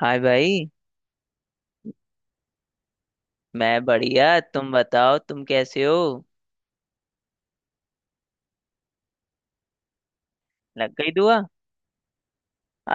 हाय भाई। मैं बढ़िया, तुम बताओ, तुम कैसे हो। लग गई दुआ।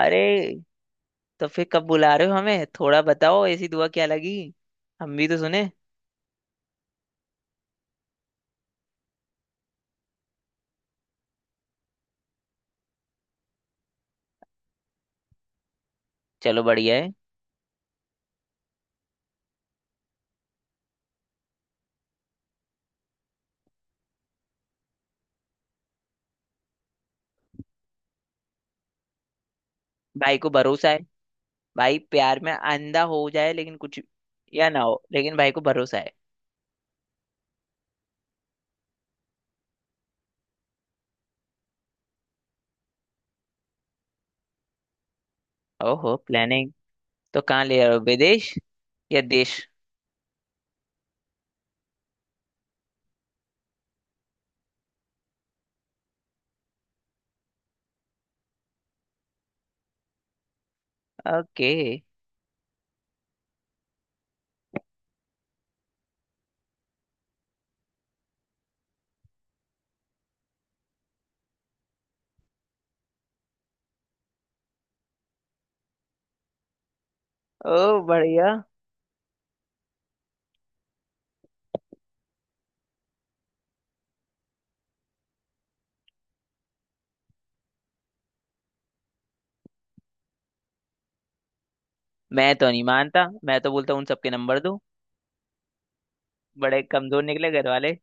अरे तो फिर कब बुला रहे हो हमें, थोड़ा बताओ, ऐसी दुआ क्या लगी। हम भी तो सुने। चलो बढ़िया है। भाई को भरोसा है। भाई प्यार में अंधा हो जाए लेकिन कुछ या ना हो, लेकिन भाई को भरोसा है। ओहो, प्लानिंग। तो कहाँ ले रहे हो, विदेश या देश। ओके। ओ बढ़िया। मैं तो नहीं मानता, मैं तो बोलता हूँ उन सबके नंबर दो। बड़े कमजोर निकले घर वाले।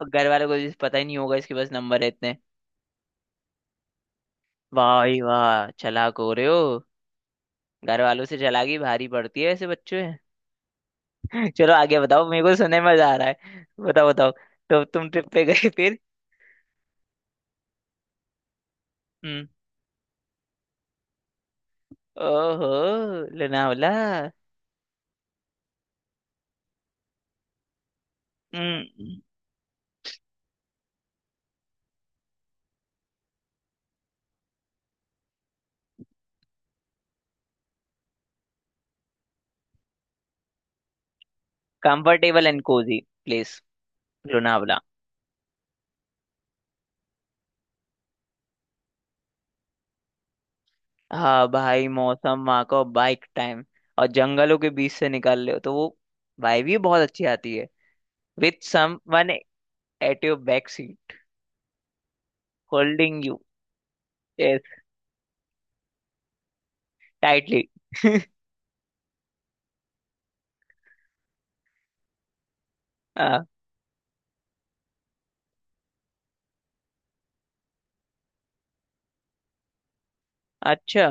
और घर वालों को भी पता ही नहीं होगा इसके पास नंबर है इतने। वाह भाई वाह, चालाक हो रहे हो। घर वालों से चालाकी भारी पड़ती है ऐसे बच्चों में। चलो आगे बताओ, मेरे को सुनने में मजा आ रहा है, बताओ बताओ। तो तुम ट्रिप पे गए फिर। हम्म। ओहो। Lonavala. Hmm. Comfortable and cozy place. Lonavala. हाँ भाई, मौसम वहाँ का, बाइक टाइम। और जंगलों के बीच से निकाल रहे हो तो वो भाई भी बहुत अच्छी आती है। With someone at your back seat, holding you tightly. हाँ। अच्छा।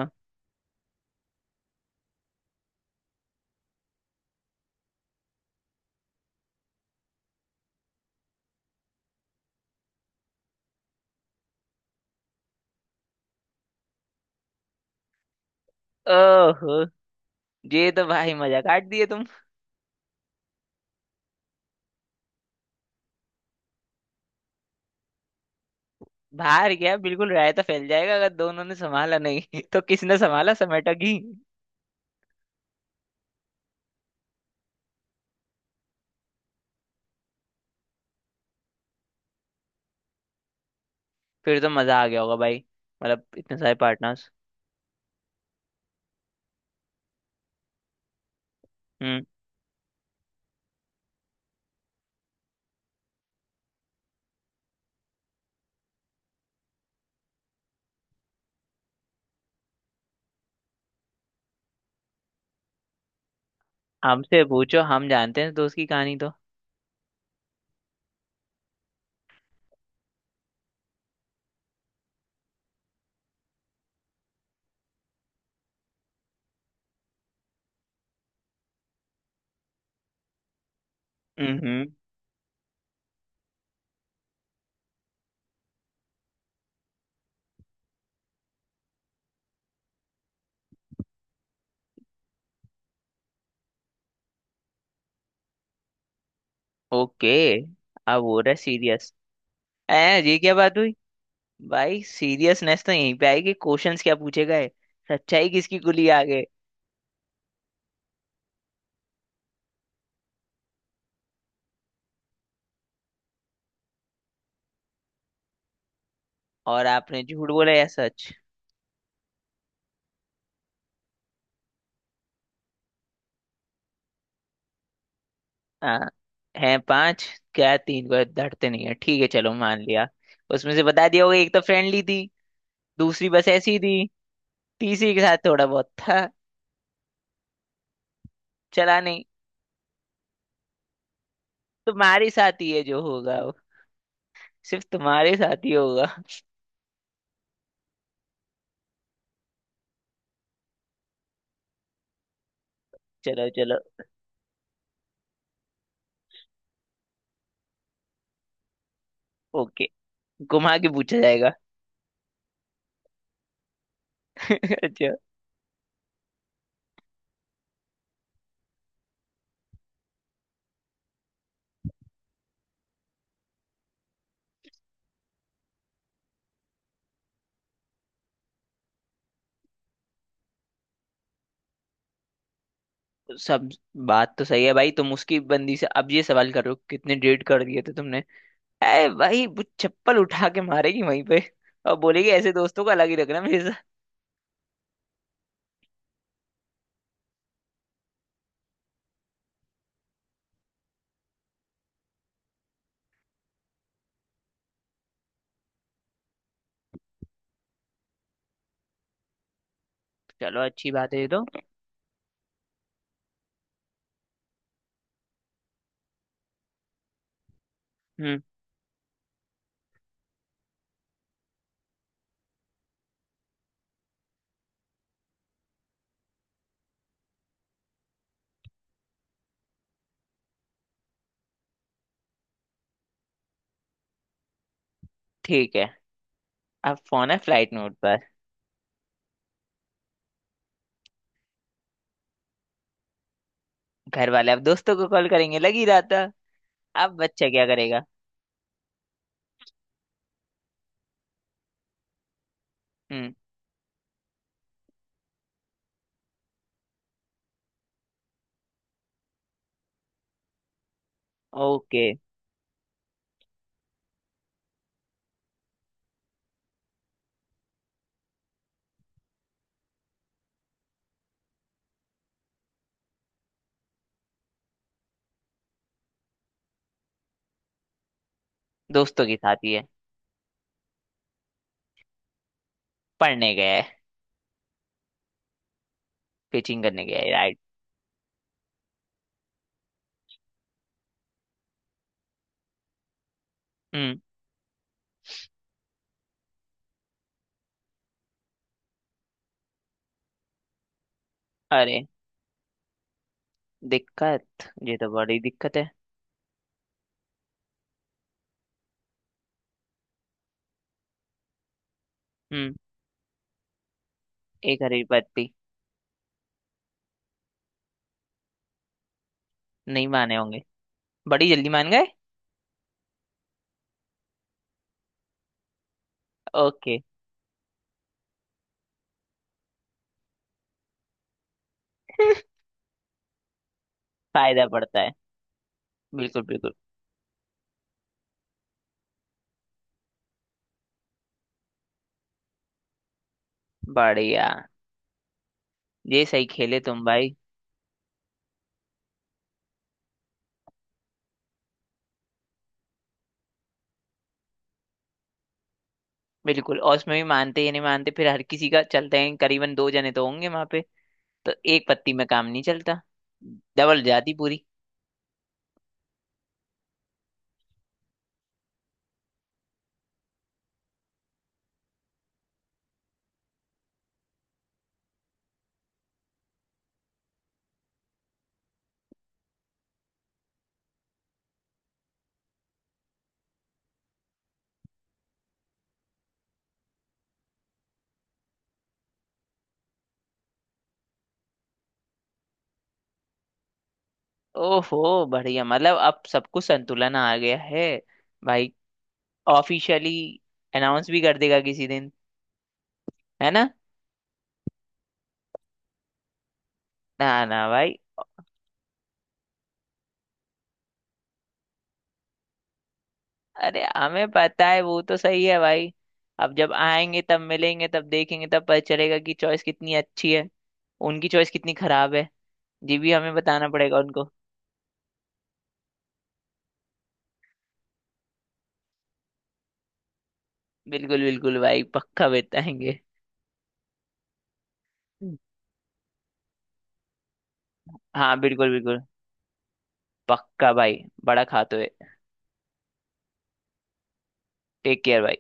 ओहो, ये तो भाई मजा काट दिए तुम। बाहर गया, बिल्कुल रायता फैल जाएगा अगर दोनों ने संभाला नहीं। तो किसने संभाला समेटा की। फिर तो मजा आ गया होगा भाई। मतलब इतने सारे पार्टनर्स। हम्म। हमसे पूछो, हम जानते हैं दोस्त की कहानी तो। हम्म। ओके। अब हो रहा है सीरियस। ए, ये क्या बात हुई। भाई सीरियसनेस तो यहीं पे आएगी, क्वेश्चंस क्या पूछे गए, सच्चाई किसकी गुली आ गए। और आपने झूठ बोला या सच। हाँ, हैं पांच। क्या तीन को धरते नहीं है, ठीक है चलो मान लिया। उसमें से बता दिया होगा एक तो फ्रेंडली थी, दूसरी बस ऐसी थी, तीसरी के साथ थोड़ा बहुत था, चला नहीं। तुम्हारे साथ ही है जो होगा वो, सिर्फ तुम्हारे साथ ही होगा। चलो चलो। ओके, घुमा के पूछा जाएगा। अच्छा। सब बात तो सही है भाई, तुम उसकी बंदी से अब ये सवाल करो कितने डेट कर दिए थे तुमने। ए भाई, वो चप्पल उठा के मारेगी वहीं पे। और बोलेगी ऐसे दोस्तों का अलग ही रखना मेरे साथ। चलो अच्छी बात है ये तो। हम्म। ठीक है, अब फोन है फ्लाइट मोड पर। घर वाले अब दोस्तों को कॉल करेंगे लग ही रहा था। अब बच्चा क्या करेगा। हम्म। ओके। दोस्तों के साथ ही है। पढ़ने गया है। पिचिंग करने गया है, राइट। हम्म। अरे, दिक्कत ये तो बड़ी दिक्कत है। हम्म। एक हरी पत्ती। नहीं माने होंगे। बड़ी जल्दी मान गए। ओके। फायदा पड़ता है, बिल्कुल बिल्कुल। बढ़िया। ये सही खेले तुम भाई। बिल्कुल, और उसमें भी मानते या नहीं मानते फिर हर किसी का, चलते हैं करीबन दो जने तो होंगे वहां पे। तो एक पत्ती में काम नहीं चलता। डबल जाती पूरी। ओहो बढ़िया, मतलब अब सब कुछ संतुलन आ गया है भाई। ऑफिशियली अनाउंस भी कर देगा किसी दिन, है ना। ना ना भाई। अरे हमें पता है, वो तो सही है भाई। अब जब आएंगे तब मिलेंगे, तब देखेंगे, तब पता चलेगा कि चॉइस कितनी अच्छी है। उनकी चॉइस कितनी खराब है ये भी हमें बताना पड़ेगा उनको। बिल्कुल बिल्कुल भाई, पक्का बताएंगे। हाँ बिल्कुल बिल्कुल। पक्का भाई, बड़ा खाते हुए। टेक केयर भाई।